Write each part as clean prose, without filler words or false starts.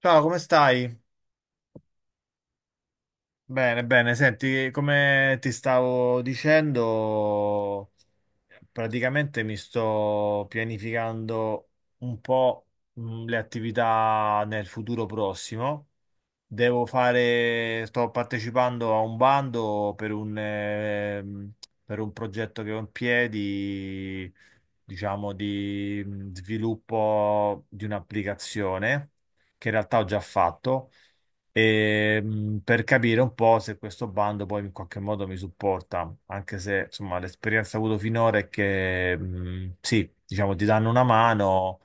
Ciao, come stai? Bene, bene. Senti, come ti stavo dicendo, praticamente mi sto pianificando un po' le attività nel futuro prossimo. Devo fare, sto partecipando a un bando per un progetto che ho in piedi, diciamo, di sviluppo di un'applicazione che in realtà ho già fatto e, per capire un po' se questo bando poi in qualche modo mi supporta, anche se insomma l'esperienza avuto finora è che sì, diciamo ti danno una mano,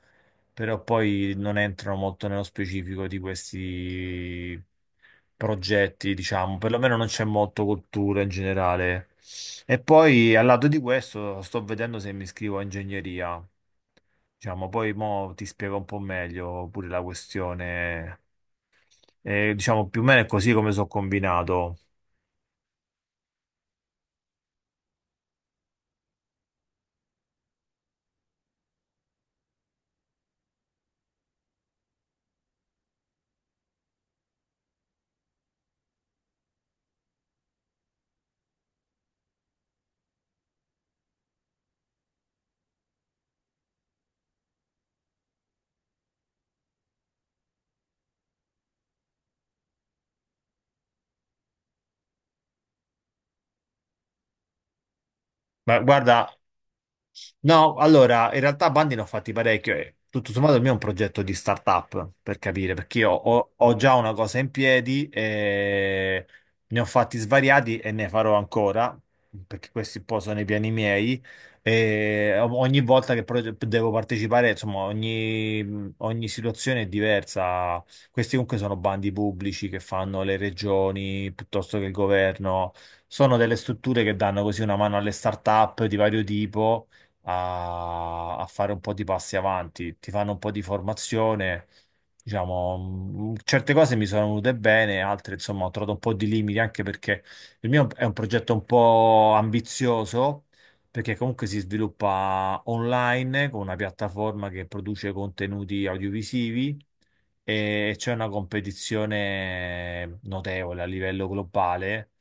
però poi non entrano molto nello specifico di questi progetti, diciamo, perlomeno non c'è molto cultura in generale. E poi al lato di questo sto vedendo se mi iscrivo a ingegneria. Diciamo, poi mo ti spiego un po' meglio pure la questione diciamo più o meno è così come sono combinato. Ma guarda, no, allora, in realtà bandi ne ho fatti parecchio e tutto sommato il mio è un progetto di startup, per capire, perché io ho, ho già una cosa in piedi e ne ho fatti svariati e ne farò ancora, perché questi un po' sono i piani miei. E ogni volta che devo partecipare, insomma, ogni situazione è diversa. Questi comunque sono bandi pubblici che fanno le regioni piuttosto che il governo. Sono delle strutture che danno così una mano alle start-up di vario tipo a fare un po' di passi avanti, ti fanno un po' di formazione, diciamo, certe cose mi sono venute bene, altre insomma ho trovato un po' di limiti anche perché il mio è un progetto un po' ambizioso. Perché comunque si sviluppa online con una piattaforma che produce contenuti audiovisivi e c'è una competizione notevole a livello globale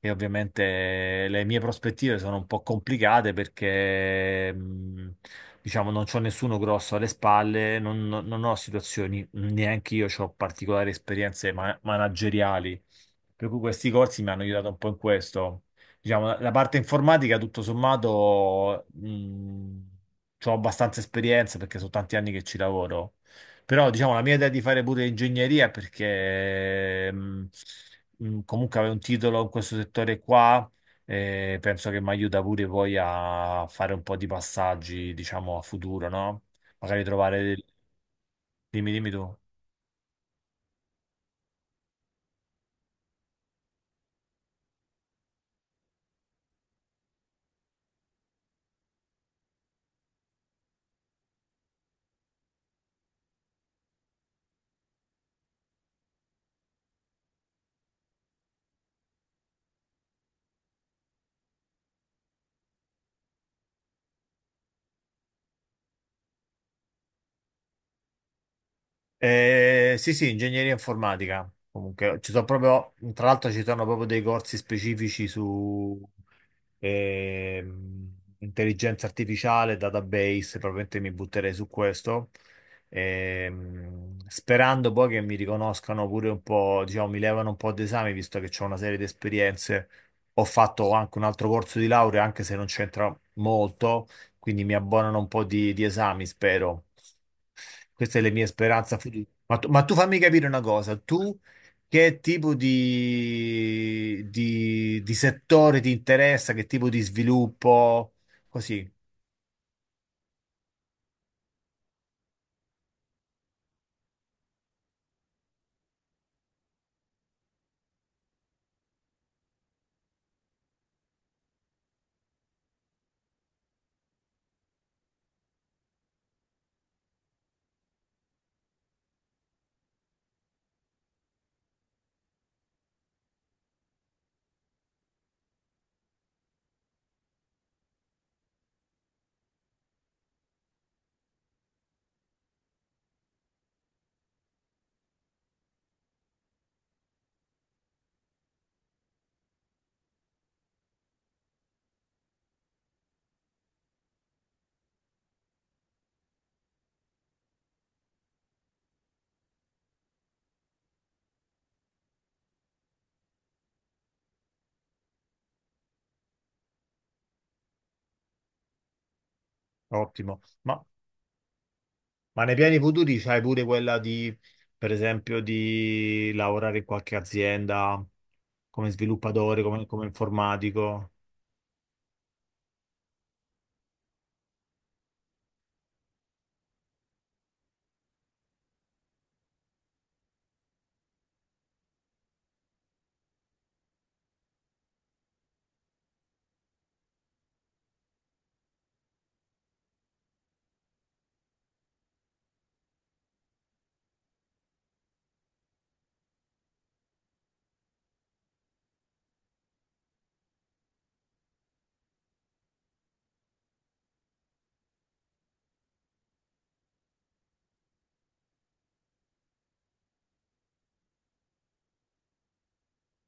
e ovviamente le mie prospettive sono un po' complicate perché diciamo non c'ho nessuno grosso alle spalle, non ho situazioni, neanche io ho particolari esperienze manageriali, per cui questi corsi mi hanno aiutato un po' in questo. Diciamo, la parte informatica, tutto sommato, ho abbastanza esperienza perché sono tanti anni che ci lavoro però diciamo la mia idea di fare pure ingegneria perché comunque avevo un titolo in questo settore qua e penso che mi aiuta pure poi a fare un po' di passaggi, diciamo, a futuro, no? Magari trovare del- Dimmi, dimmi tu. Sì, sì, ingegneria informatica. Comunque, ci sono proprio, tra l'altro ci sono proprio dei corsi specifici su ehm, intelligenza artificiale, database, probabilmente mi butterei su questo. Sperando poi che mi riconoscano pure un po', diciamo, mi levano un po' d'esami, visto che ho una serie di esperienze. Ho fatto anche un altro corso di laurea, anche se non c'entra molto, quindi mi abbonano un po' di esami, spero. Queste le mie speranze future. Ma tu fammi capire una cosa, tu che tipo di settore ti interessa, che tipo di sviluppo? Così, ottimo. Ma nei piani futuri c'hai pure quella di, per esempio, di lavorare in qualche azienda come sviluppatore, come, come informatico?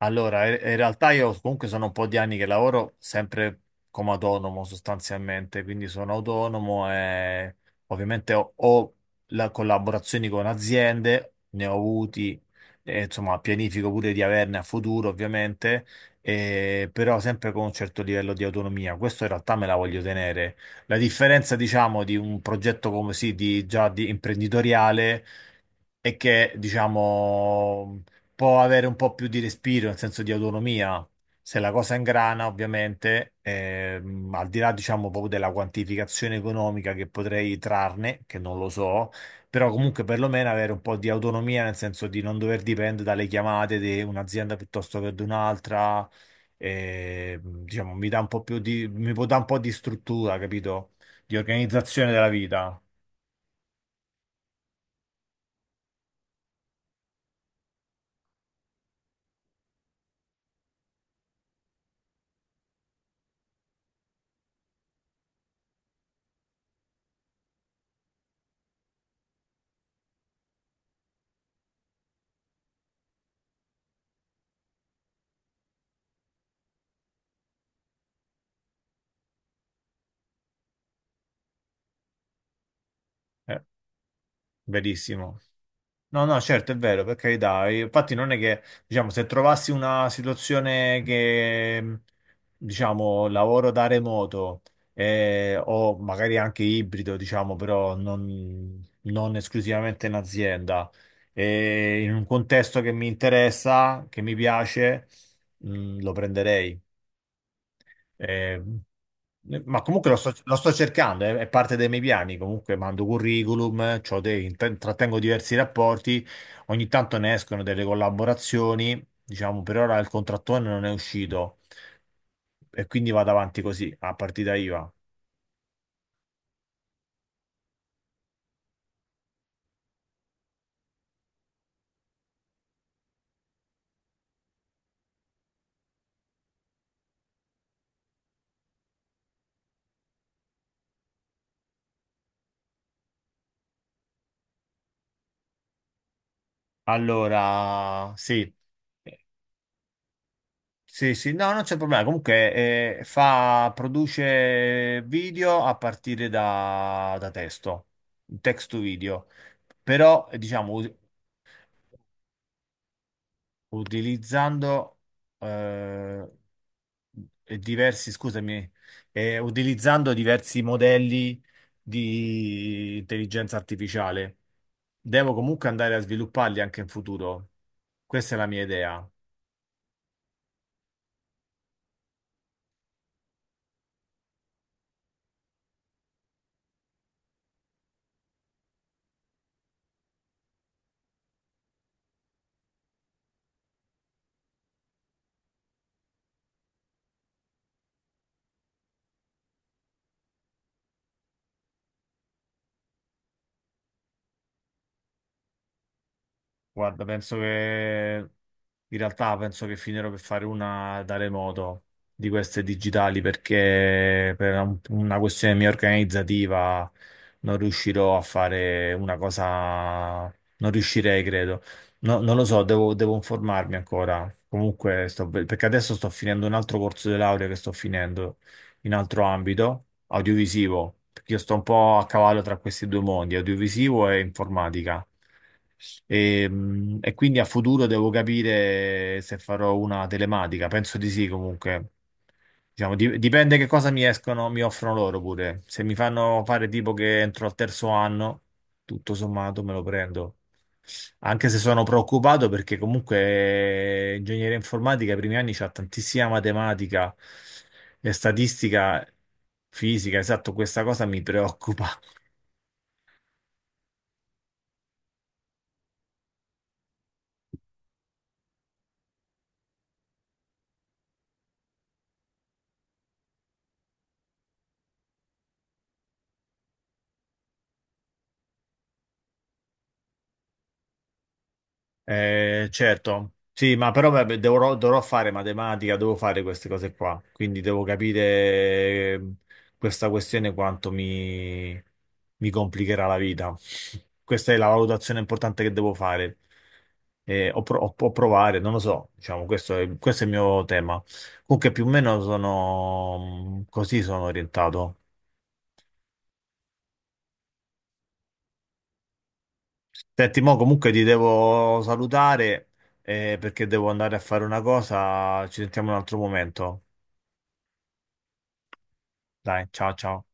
Allora, in realtà io comunque sono un po' di anni che lavoro sempre come autonomo sostanzialmente, quindi sono autonomo e ovviamente ho la collaborazioni con aziende, ne ho avuti, e insomma pianifico pure di averne a futuro ovviamente, però sempre con un certo livello di autonomia. Questo in realtà me la voglio tenere. La differenza diciamo di un progetto come sì, di, già di imprenditoriale e che, diciamo, può avere un po' più di respiro, nel senso di autonomia. Se la cosa ingrana, ovviamente, al di là, diciamo, proprio della quantificazione economica che potrei trarne, che non lo so, però comunque perlomeno avere un po' di autonomia, nel senso di non dover dipendere dalle chiamate di un'azienda piuttosto che di un'altra, diciamo, mi dà un po' più di, mi può dare un po' di struttura, capito? Di organizzazione della vita. Eh, verissimo. No, no, certo, è vero, per carità. Infatti non è che, diciamo, se trovassi una situazione che, diciamo, lavoro da remoto o magari anche ibrido, diciamo, però non esclusivamente in azienda, e in un contesto che mi interessa, che mi piace, lo prenderei. Eh, ma comunque lo sto cercando, è parte dei miei piani. Comunque mando curriculum, c'ho dei- intrattengo diversi rapporti, ogni tanto ne escono delle collaborazioni. Diciamo, per ora il contrattone non è uscito e quindi vado avanti così, a partita IVA. Allora, sì. Sì, sì, no, non c'è problema. Comunque, fa, produce video a partire da testo, text to video. Però, diciamo, utilizzando eh, e diversi, scusami, utilizzando diversi modelli di intelligenza artificiale. Devo comunque andare a svilupparli anche in futuro. Questa è la mia idea. Guarda, penso che in realtà penso che finirò per fare una da remoto di queste digitali perché per una questione mia organizzativa non riuscirò a fare una cosa, non riuscirei, credo. Non lo so, devo informarmi ancora. Comunque, sto, perché adesso sto finendo un altro corso di laurea che sto finendo in altro ambito, audiovisivo, perché io sto un po' a cavallo tra questi due mondi, audiovisivo e informatica. E quindi a futuro devo capire se farò una telematica, penso di sì comunque. Diciamo, dipende che cosa mi escono, mi offrono loro pure. Se mi fanno fare tipo che entro al terzo anno, tutto sommato me lo prendo. Anche se sono preoccupato perché comunque ingegneria informatica, i primi anni c'ha tantissima matematica e statistica, fisica, esatto, questa cosa mi preoccupa. Certo, sì, ma però vabbè, dovrò fare matematica, devo fare queste cose qua, quindi devo capire eh, questa questione mi complicherà la vita. Questa è la valutazione importante che devo fare. O provare, non lo so, diciamo, questo è il mio tema. Comunque più o meno sono mm, così sono orientato. Senti, mo comunque ti devo salutare perché devo andare a fare una cosa, ci sentiamo in un altro momento. Dai, ciao ciao.